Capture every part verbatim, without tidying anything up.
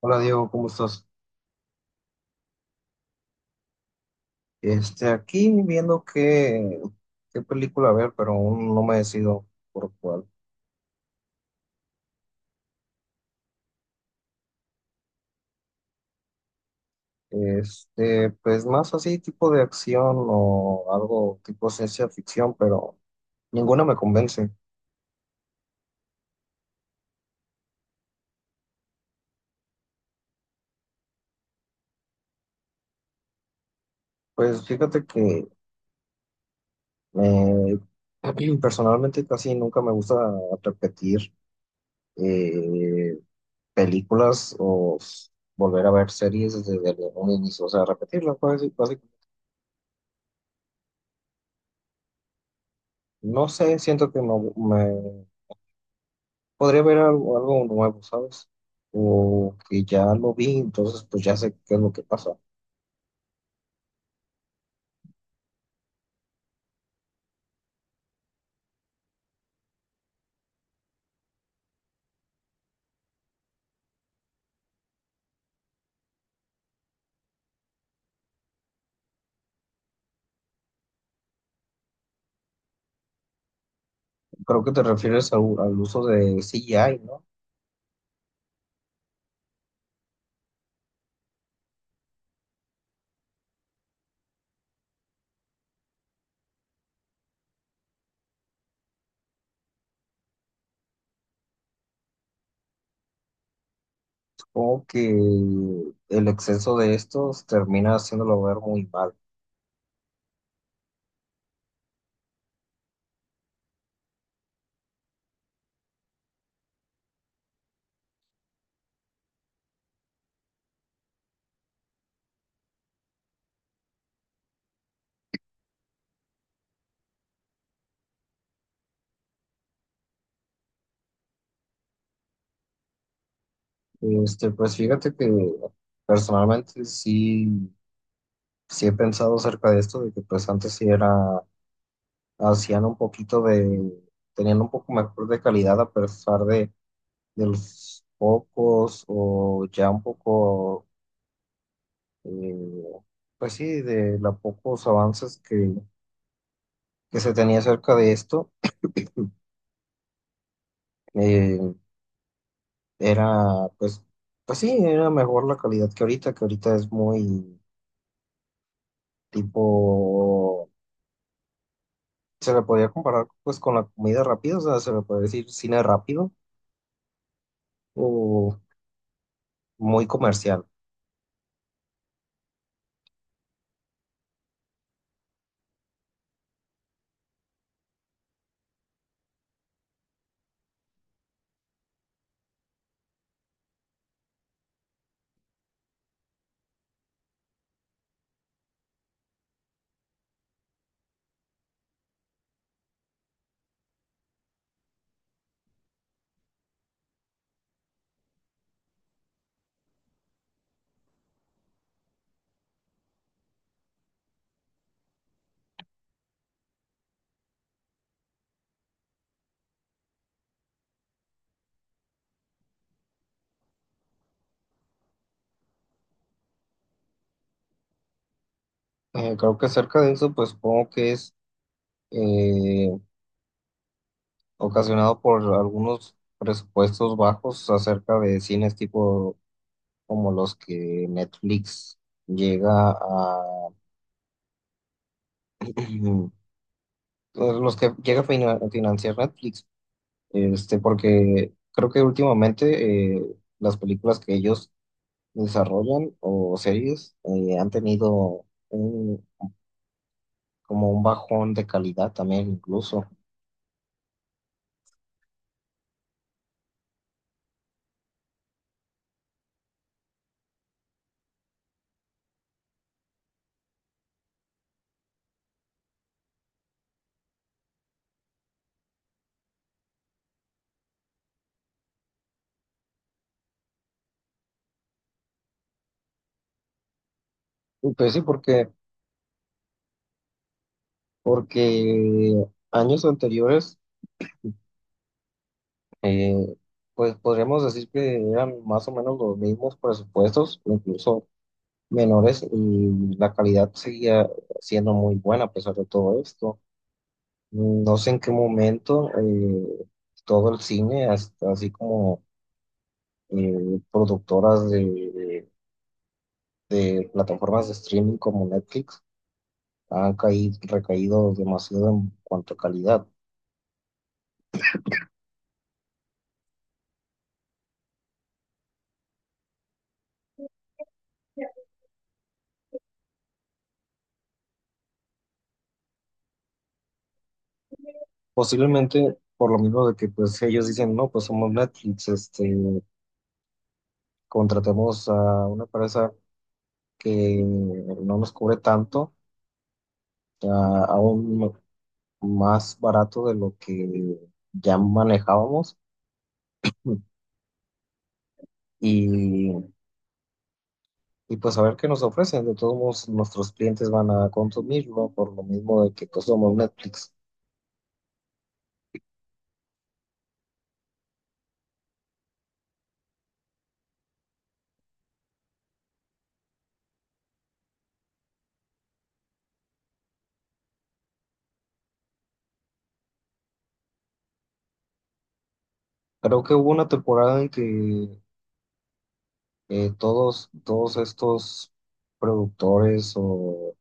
Hola Diego, ¿cómo estás? Este, aquí viendo qué, qué película ver, pero aún no me decido por cuál. Este, pues más así tipo de acción o algo tipo ciencia ficción, pero ninguna me convence. Pues fíjate que eh, personalmente casi nunca me gusta repetir eh, películas o s- volver a ver series desde el- un inicio, o sea, repetirlas, pues, básicamente. No sé, siento que no me podría haber algo, algo nuevo, ¿sabes? O que ya lo vi, entonces pues ya sé qué es lo que pasa. Creo que te refieres al, al uso de C G I, ¿no? Supongo que el exceso de estos termina haciéndolo ver muy mal. Este, pues fíjate que personalmente sí, sí he pensado acerca de esto, de que pues antes sí era, hacían un poquito de, tenían un poco mejor de calidad a pesar de, de los pocos o ya un poco eh, pues sí, de los pocos avances que, que se tenía acerca de esto, eh, era, pues, pues sí, era mejor la calidad que ahorita, que ahorita es muy tipo, se le podía comparar pues con la comida rápida, o sea, se le puede decir cine rápido o muy comercial. Eh, creo que acerca de eso, pues supongo que es eh, ocasionado por algunos presupuestos bajos acerca de cines tipo como los que Netflix llega a, los que llega a fina- a financiar Netflix, este, porque creo que últimamente eh, las películas que ellos desarrollan o series eh, han tenido un, como un bajón de calidad también incluso. Y Pues sí, porque, porque años anteriores, eh, pues podríamos decir que eran más o menos los mismos presupuestos, incluso menores y la calidad seguía siendo muy buena a pesar de todo esto. No sé en qué momento eh, todo el cine, hasta así como eh, productoras de, de plataformas de streaming como Netflix, han caído, recaído demasiado en cuanto a calidad. Posiblemente por lo mismo de que pues ellos dicen, no, pues somos Netflix, este, contratemos a una empresa que no nos cubre tanto a, a un más barato de lo que ya manejábamos y, y pues a ver qué nos ofrecen. De todos modos, nuestros clientes van a consumirlo por lo mismo de que pues somos Netflix. Creo que hubo una temporada en que eh, todos, todos estos productores o,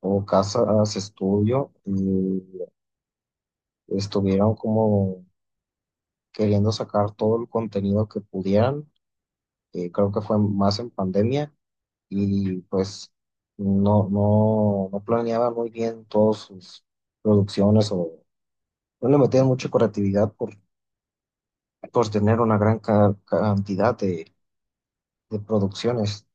o casas estudio eh, estuvieron como queriendo sacar todo el contenido que pudieran. Eh, creo que fue más en pandemia y pues no, no, no planeaba muy bien todas sus producciones o no le metían mucha creatividad por, por tener una gran ca- cantidad de, de producciones.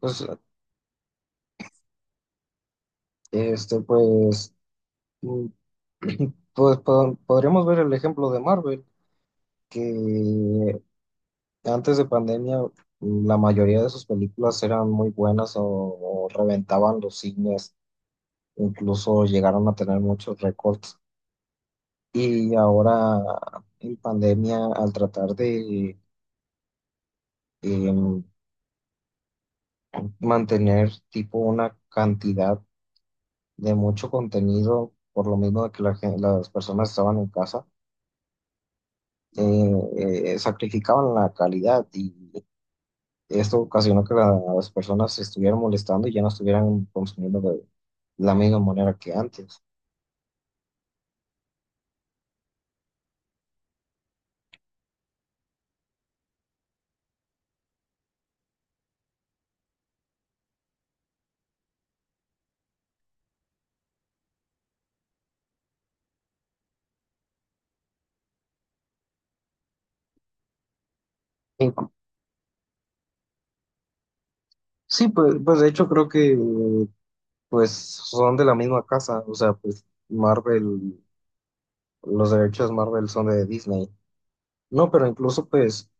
Pues, este, pues, mm, pues po- podríamos ver el ejemplo de Marvel, que antes de pandemia mm, la mayoría de sus películas eran muy buenas o o reventaban los cines, incluso llegaron a tener muchos récords. Y ahora en pandemia, al tratar de em, mantener tipo una cantidad de mucho contenido, por lo mismo de que la gen- las personas estaban en casa, eh, eh, sacrificaban la calidad y esto ocasionó que la- las personas se estuvieran molestando y ya no estuvieran consumiendo de la misma manera que antes. Inclu- Sí, pues, pues de hecho creo que eh, pues son de la misma casa, o sea, pues Marvel. Los derechos Marvel son de Disney. No, pero incluso pues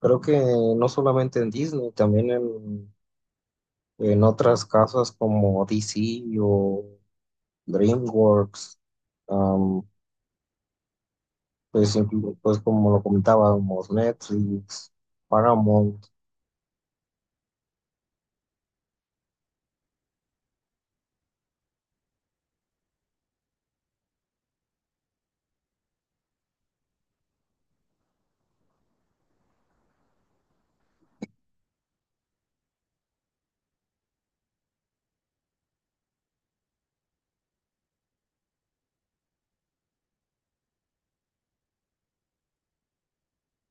creo que no solamente en Disney, también en, en otras casas como D C o DreamWorks, am, pues, inclu- pues como lo comentábamos, Netflix, Paramount.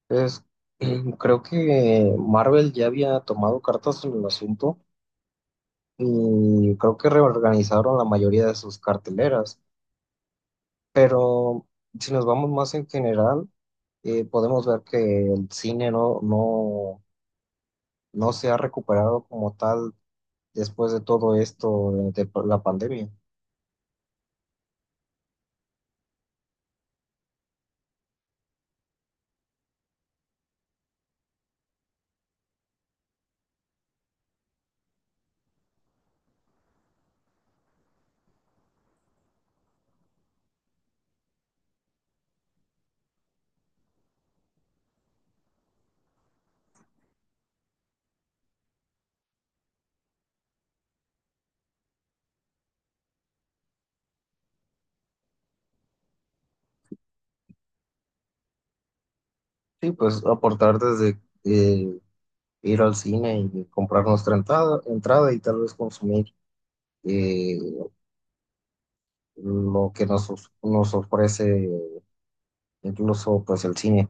Es, creo que Marvel ya había tomado cartas en el asunto y creo que reorganizaron la mayoría de sus carteleras. Pero si nos vamos más en general, eh, podemos ver que el cine no, no, no se ha recuperado como tal después de todo esto de, de la pandemia. Sí, pues aportar desde eh, ir al cine y comprar nuestra entrada, entrada y tal vez consumir eh, lo que nos, os- nos ofrece incluso pues el cine.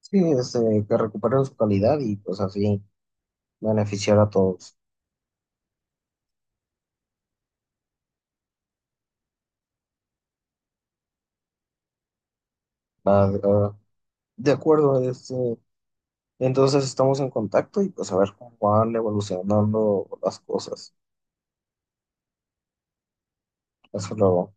Sí, este, que recuperen su calidad y pues así beneficiar a todos. Va- va- de acuerdo, este. Entonces estamos en contacto y pues a ver cómo van evolucionando las cosas. Hasta luego.